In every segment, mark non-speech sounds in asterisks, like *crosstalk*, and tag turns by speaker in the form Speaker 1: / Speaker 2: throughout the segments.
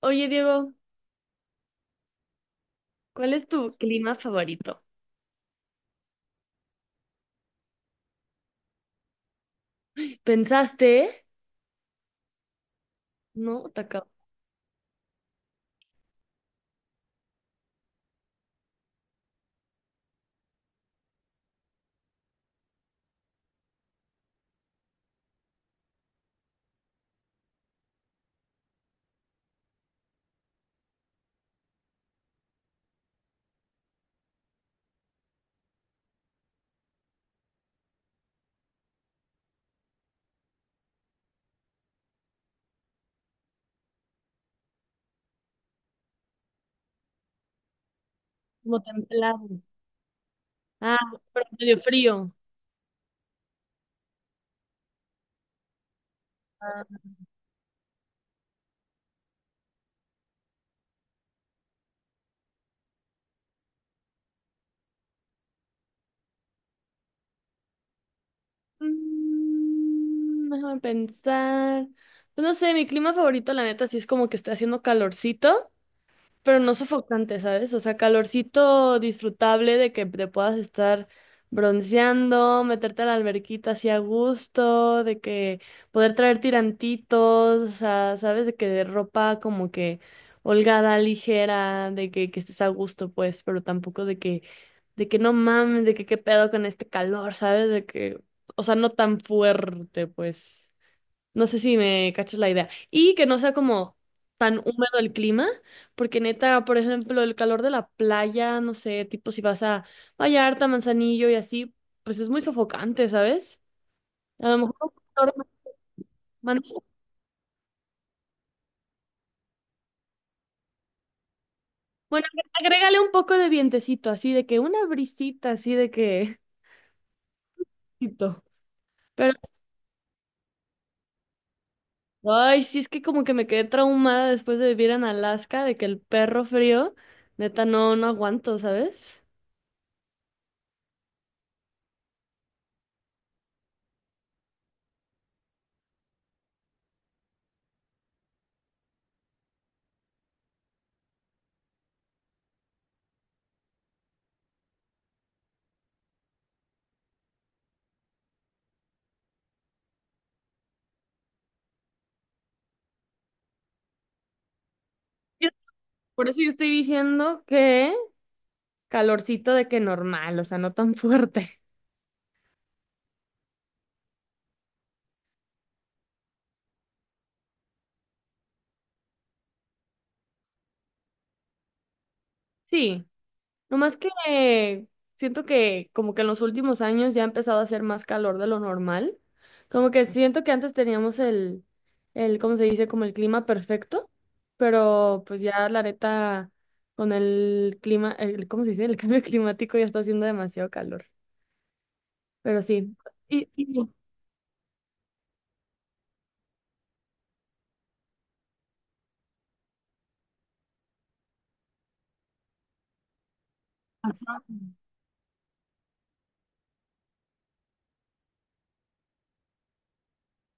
Speaker 1: Oye, Diego, ¿cuál es tu clima favorito? ¿Pensaste? No, te acabo. Como templado. Ah, pero medio frío. Ah. Déjame pensar. Pues no sé, mi clima favorito, la neta, sí es como que está haciendo calorcito. Pero no sofocante, ¿sabes? O sea, calorcito disfrutable de que te puedas estar bronceando, meterte a la alberquita así a gusto, de que poder traer tirantitos, o sea, ¿sabes? De que de ropa como que holgada, ligera, de que estés a gusto, pues, pero tampoco de que, de que no mames, de que qué pedo con este calor, ¿sabes? De que, o sea, no tan fuerte, pues. No sé si me cachas la idea. Y que no sea como tan húmedo el clima, porque neta, por ejemplo, el calor de la playa, no sé, tipo si vas a Vallarta, Manzanillo y así, pues es muy sofocante, ¿sabes? A lo mejor un calor más- bueno, agrégale un poco de vientecito, así de que una brisita, así de que... *laughs* Pero, ay, sí, es que como que me quedé traumada después de vivir en Alaska, de que el perro frío, neta, no aguanto, ¿sabes? Yo- Por eso yo estoy diciendo que... Calorcito de que normal, o sea, no tan *laughs* fuerte. Sí, nomás que siento que como que en los últimos años ya ha empezado a hacer más calor de lo normal. Como que siento que antes teníamos el, ¿cómo se dice? Como el clima perfecto, pero pues ya la neta con el clima, el, ¿cómo se dice? El *laughs* cambio climático ya está haciendo demasiado calor. Pero sí. Y, y- Ajá.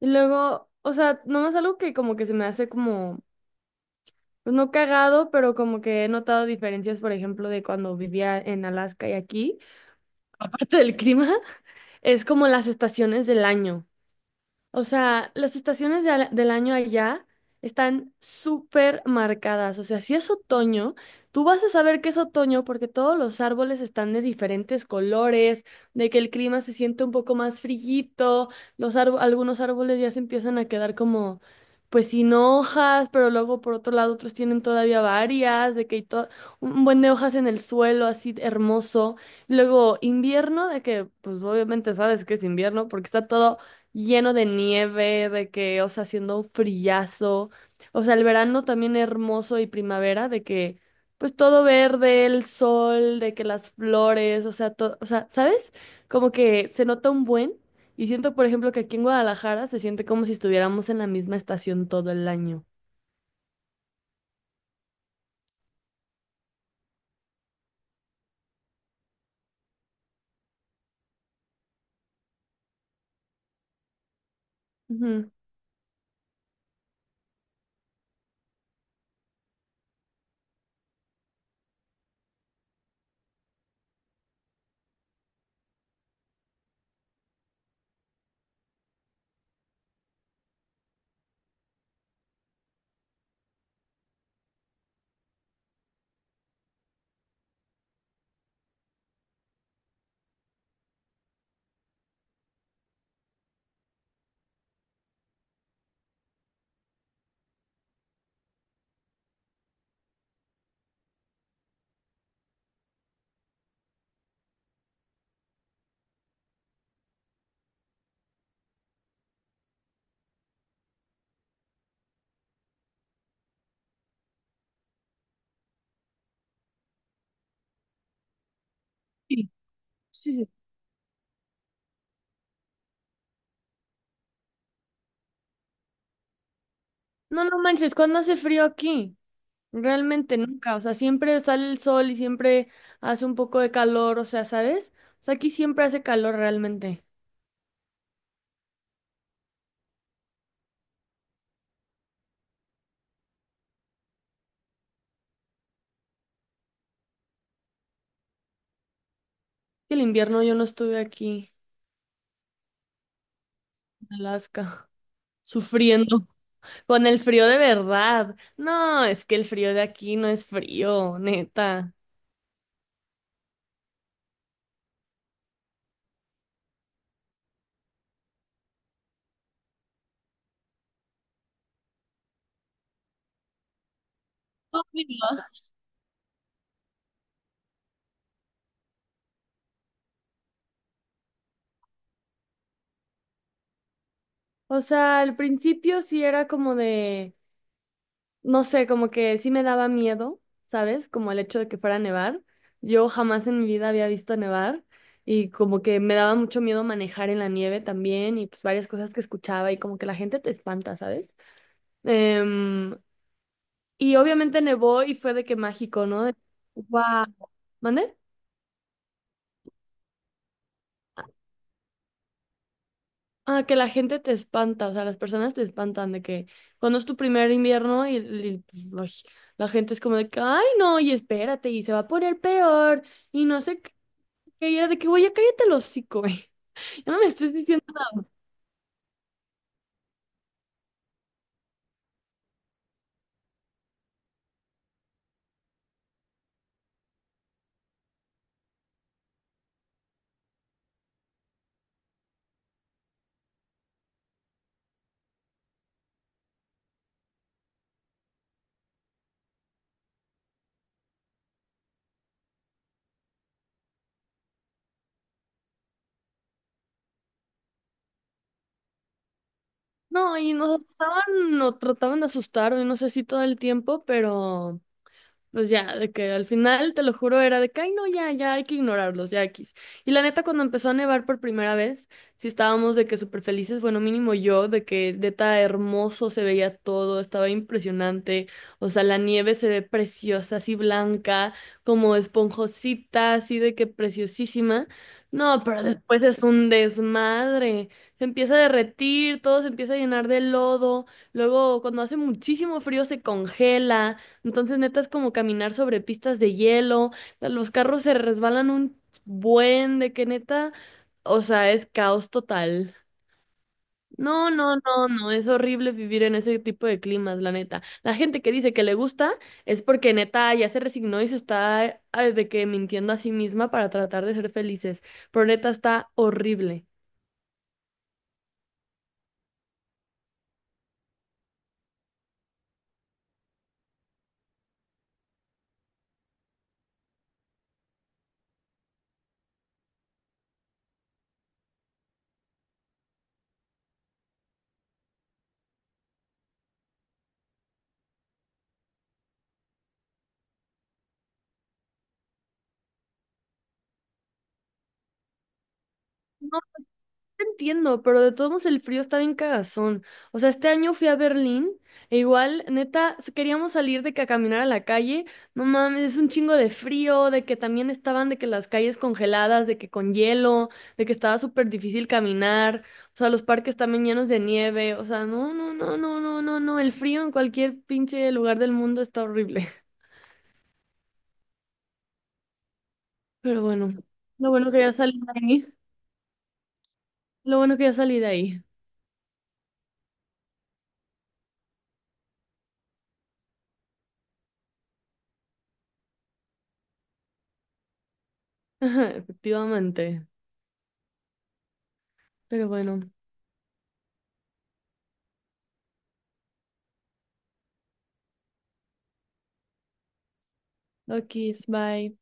Speaker 1: Y luego, o sea, nomás algo que como que se me hace como pues no cagado, pero como que he notado diferencias, por ejemplo, de cuando vivía en Alaska y aquí, aparte del clima, es como las estaciones del año. O sea, las estaciones del año allá están súper marcadas. O sea, si es otoño, tú vas a saber que es otoño porque todos los árboles están de diferentes colores, de que el clima se siente un poco más frillito, algunos árboles ya se empiezan a quedar como, pues sin hojas, pero luego por otro lado otros tienen todavía varias, de que un buen de hojas en el suelo, así hermoso. Luego invierno, de que pues obviamente sabes que es invierno porque está todo lleno de nieve, de que, o sea, haciendo un frillazo. O sea, el verano también hermoso y primavera, de que, pues todo verde, el sol, de que las flores, o sea, todo, o sea, ¿sabes? Como que se nota un buen. Y siento, por ejemplo, que aquí en Guadalajara se siente como si estuviéramos en la misma estación todo el año. Ujú. Sí, sí, sí. No, no manches, ¿cuándo hace frío aquí? Realmente nunca, o sea, siempre sale el sol y siempre hace un poco de calor, o sea, ¿sabes? O sea, aquí siempre hace calor realmente. El invierno yo no estuve aquí, en Alaska, *laughs* sufriendo con el frío de verdad. No, es que el frío de aquí no es frío, neta. O sea, al principio sí era como de no sé, como que sí me daba miedo, ¿sabes? Como el hecho de que fuera a nevar. Yo jamás en mi vida había visto nevar y como que me daba mucho miedo manejar en la nieve también y pues varias cosas que escuchaba y como que la gente te espanta, ¿sabes? Em, y obviamente nevó y fue de que mágico, ¿no? De, wow. ¿Mande? Ah, que la gente te espanta, o sea, las personas te espantan de que cuando es tu primer invierno pues, ay, la gente es como de que, ay, no, y espérate, y se va a poner peor y no sé que era de que, güey, ya cállate el hocico, güey. *laughs* Ya no me estés diciendo. No, y nos asustaban o trataban de asustar, y no sé si todo el tiempo, pero pues ya, de que al final, te lo juro, era de que, ay, no, ya hay que ignorarlos, ya X. Y la neta, cuando empezó a nevar por primera vez, sí estábamos de que súper felices, bueno, mínimo yo, de que neta hermoso se veía todo, estaba impresionante. O sea, la nieve se ve preciosa, así blanca, como esponjosita, así de que preciosísima. No, pero después es un desmadre. Se empieza a derretir, todo se empieza a llenar de lodo. Luego, cuando hace muchísimo frío, se congela. Entonces, neta, es como caminar sobre pistas de hielo. Los carros se resbalan un buen de que neta, o sea, es caos total. No, no, no, no, es horrible vivir en ese tipo de climas, la neta. La gente que dice que le gusta es porque neta ya se resignó y se está ah, de que mintiendo a sí misma para tratar de ser felices. Pero neta está horrible. Entiendo, pero de todos modos el frío está bien cagazón. O sea, este año fui a Berlín e igual, neta, queríamos salir de que a caminar a la calle. No mames, es un chingo de frío, de que también estaban de que las calles congeladas, de que con hielo, de que estaba súper difícil caminar. O sea, los parques también llenos de nieve. O sea, no, no, no, no, no, no, no. El frío en cualquier pinche lugar del mundo está horrible. *laughs* Pero bueno, lo bueno que ya salí de ahí. Lo bueno que ya salí de ahí. *laughs* Ajá, efectivamente. Pero bueno. Ok, bye.